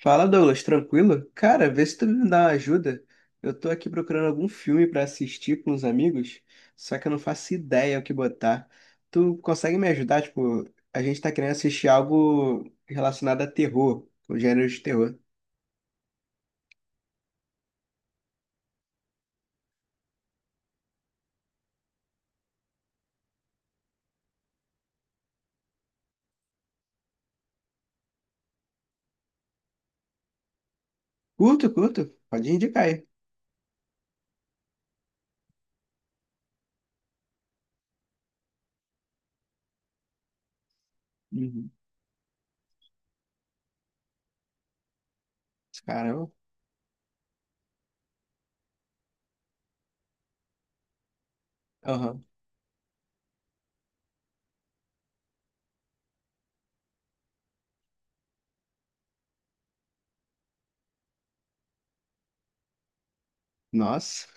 Fala, Douglas, tranquilo? Cara, vê se tu me dá uma ajuda. Eu tô aqui procurando algum filme pra assistir com os amigos, só que eu não faço ideia o que botar. Tu consegue me ajudar? Tipo, a gente tá querendo assistir algo relacionado a terror, o gênero de terror. Curto, curto. Pode indicar aí. Uhum. Caramba. Aham. Nossa.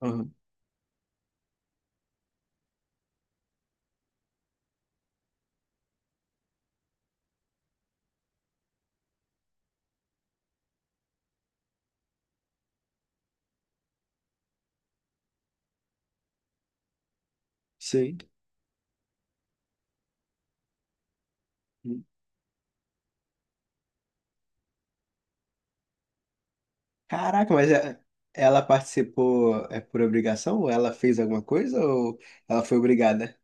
Aham. Sei. Uhum. Caraca, ela participou é por obrigação? Ou ela fez alguma coisa? Ou ela foi obrigada?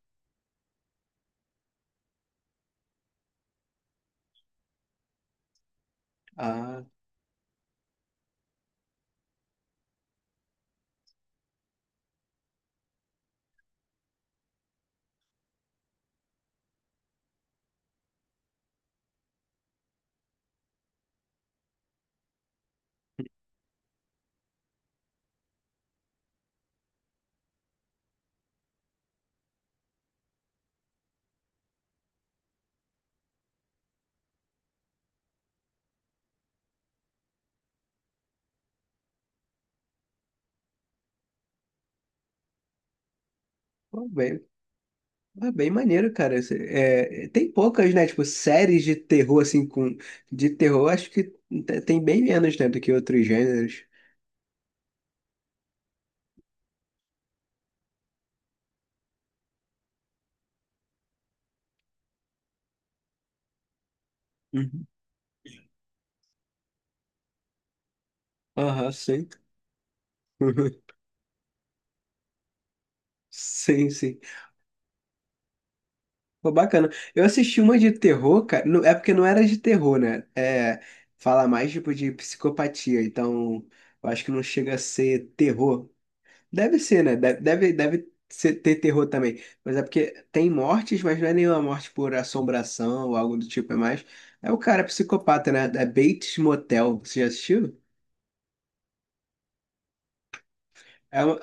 Ah, pô, bem. É bem maneiro, cara. Tem poucas, né? Tipo, séries de terror, assim, com... De terror, acho que tem bem menos, né? Do que outros gêneros. Uhum. Aham, sim. Sim, sim. Pô, bacana. Eu assisti uma de terror, cara. É porque não era de terror, né? É... Fala mais, tipo, de psicopatia. Então, eu acho que não chega a ser terror. Deve ser, né? Ter terror também. Mas é porque tem mortes, mas não é nenhuma morte por assombração ou algo do tipo. É mais. É o cara psicopata, né? É Bates Motel. Você já assistiu? É uma,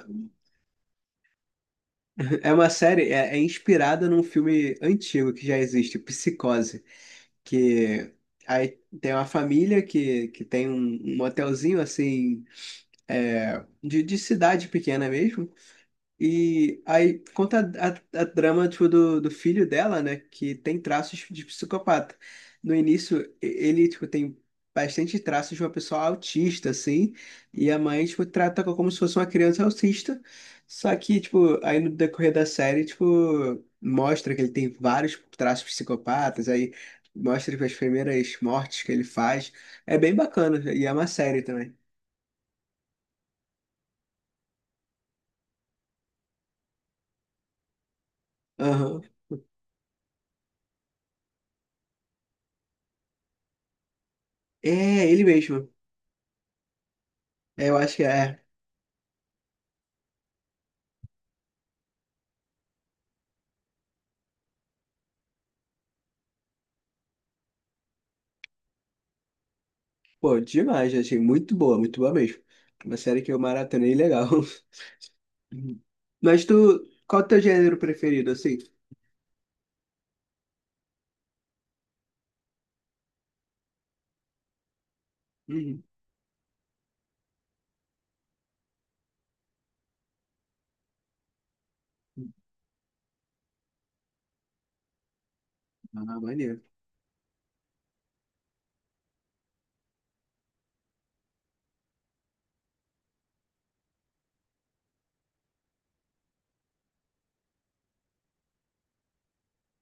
é uma série, é inspirada num filme antigo que já existe, Psicose. Que aí tem uma família que tem um, um motelzinho assim, é, de cidade pequena mesmo. E aí conta a drama tipo, do filho dela, né? Que tem traços de psicopata. No início, ele tipo, tem bastante traços de uma pessoa autista, assim. E a mãe tipo, trata como se fosse uma criança autista. Só que, tipo, aí no decorrer da série, tipo, mostra que ele tem vários traços psicopatas. Aí mostra tipo, as primeiras mortes que ele faz. É bem bacana. E é uma série também. Aham. É, ele mesmo. É, eu acho que é. Pô, demais, achei muito boa mesmo. Uma série que eu maratonei legal. Uhum. Mas tu, qual o teu gênero preferido, assim? Uhum. Ah, maneiro.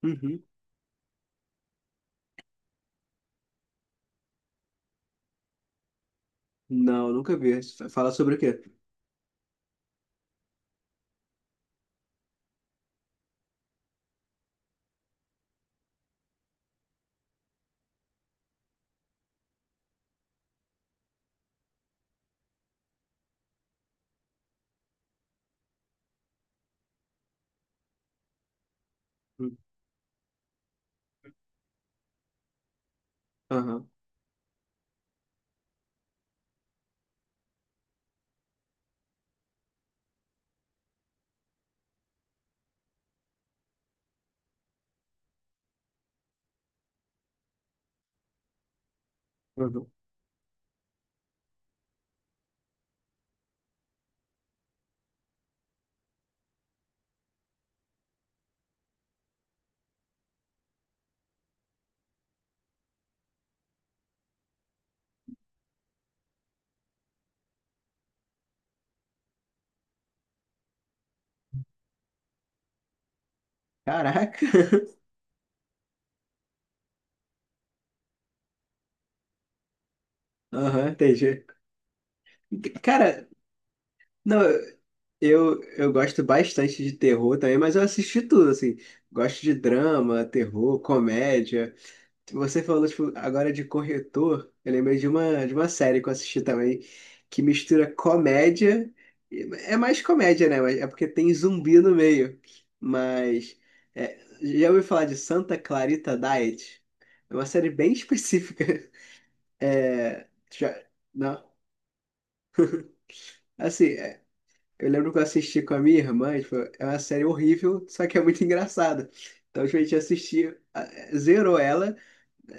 Uhum. Não, nunca vi. Fala sobre o quê? Uhum. Aham, uhum. Caraca. Aham, entendi. Cara, não, eu gosto bastante de terror também, mas eu assisti tudo, assim. Gosto de drama, terror, comédia. Você falou tipo, agora de corretor, eu lembrei de uma série que eu assisti também, que mistura comédia. É mais comédia, né? Mas é porque tem zumbi no meio. Mas. É, já ouviu falar de Santa Clarita Diet? É uma série bem específica. É, já, não, assim, é, eu lembro que eu assisti com a minha irmã, e, tipo, é uma série horrível, só que é muito engraçada. Então, tipo, a gente assistiu, zerou ela.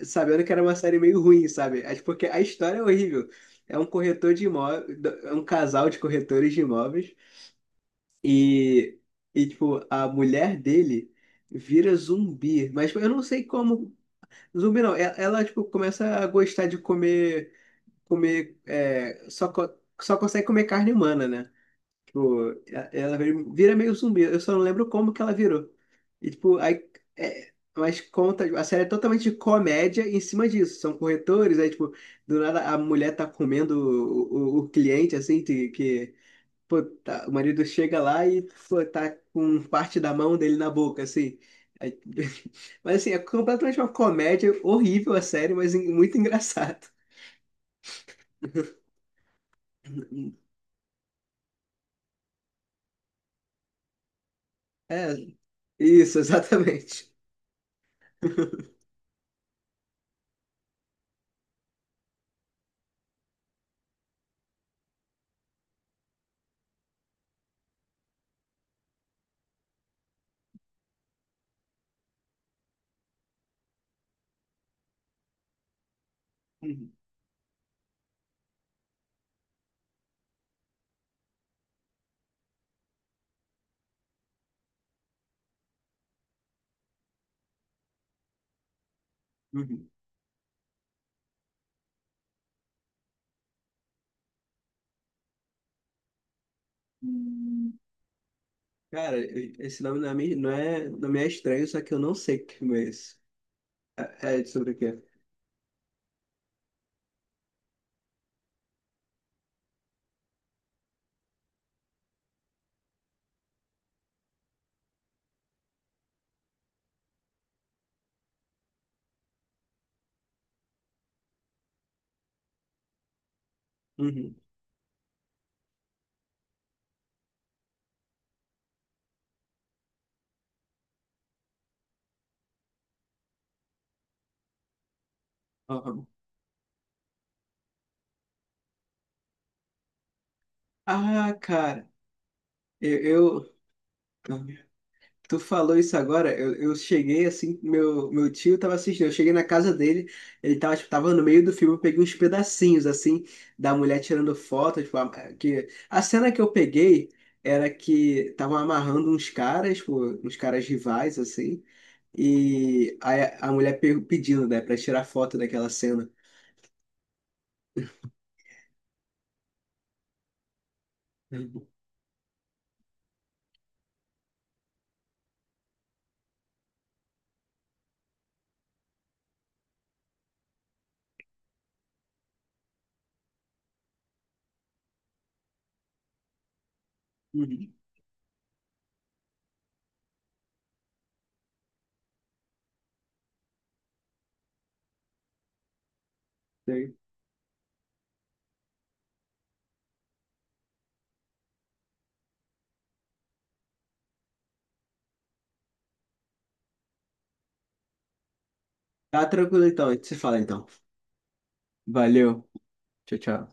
Sabendo que era uma série meio ruim, sabe? É porque a história é horrível. É um corretor de imóveis, é um casal de corretores de imóveis e, e tipo, a mulher dele vira zumbi. Mas tipo, eu não sei como. Zumbi não. Ela, tipo, começa a gostar de comer, comer, é, só, só consegue comer carne humana, né? Tipo, ela vira meio zumbi. Eu só não lembro como que ela virou. E, tipo, aí. É, mas conta. A série é totalmente de comédia em cima disso. São corretores, aí, tipo, do nada a mulher tá comendo o cliente, assim, que, pô, o marido chega lá e, pô, tá com parte da mão dele na boca, assim. Aí- mas, assim, é completamente uma comédia horrível a série, mas muito engraçado. É, isso, exatamente. Uhum. Uhum. Cara, esse nome não é, não me é estranho, só que eu não sei que filme é esse. É, é sobre o quê? Uhum. Aham. Ah, cara, eu, eu- tu falou isso agora, eu cheguei assim, meu tio tava assistindo, eu cheguei na casa dele, ele tava, tipo, tava no meio do filme, eu peguei uns pedacinhos, assim, da mulher tirando foto, tipo, que... A cena que eu peguei era que estavam amarrando uns caras, tipo, uns caras rivais, assim, e aí a mulher pedindo, né, pra tirar foto daquela cena. Uhum. Uhum. Sei. Tá tranquilo então, a gente se fala então. Valeu. Tchau, tchau.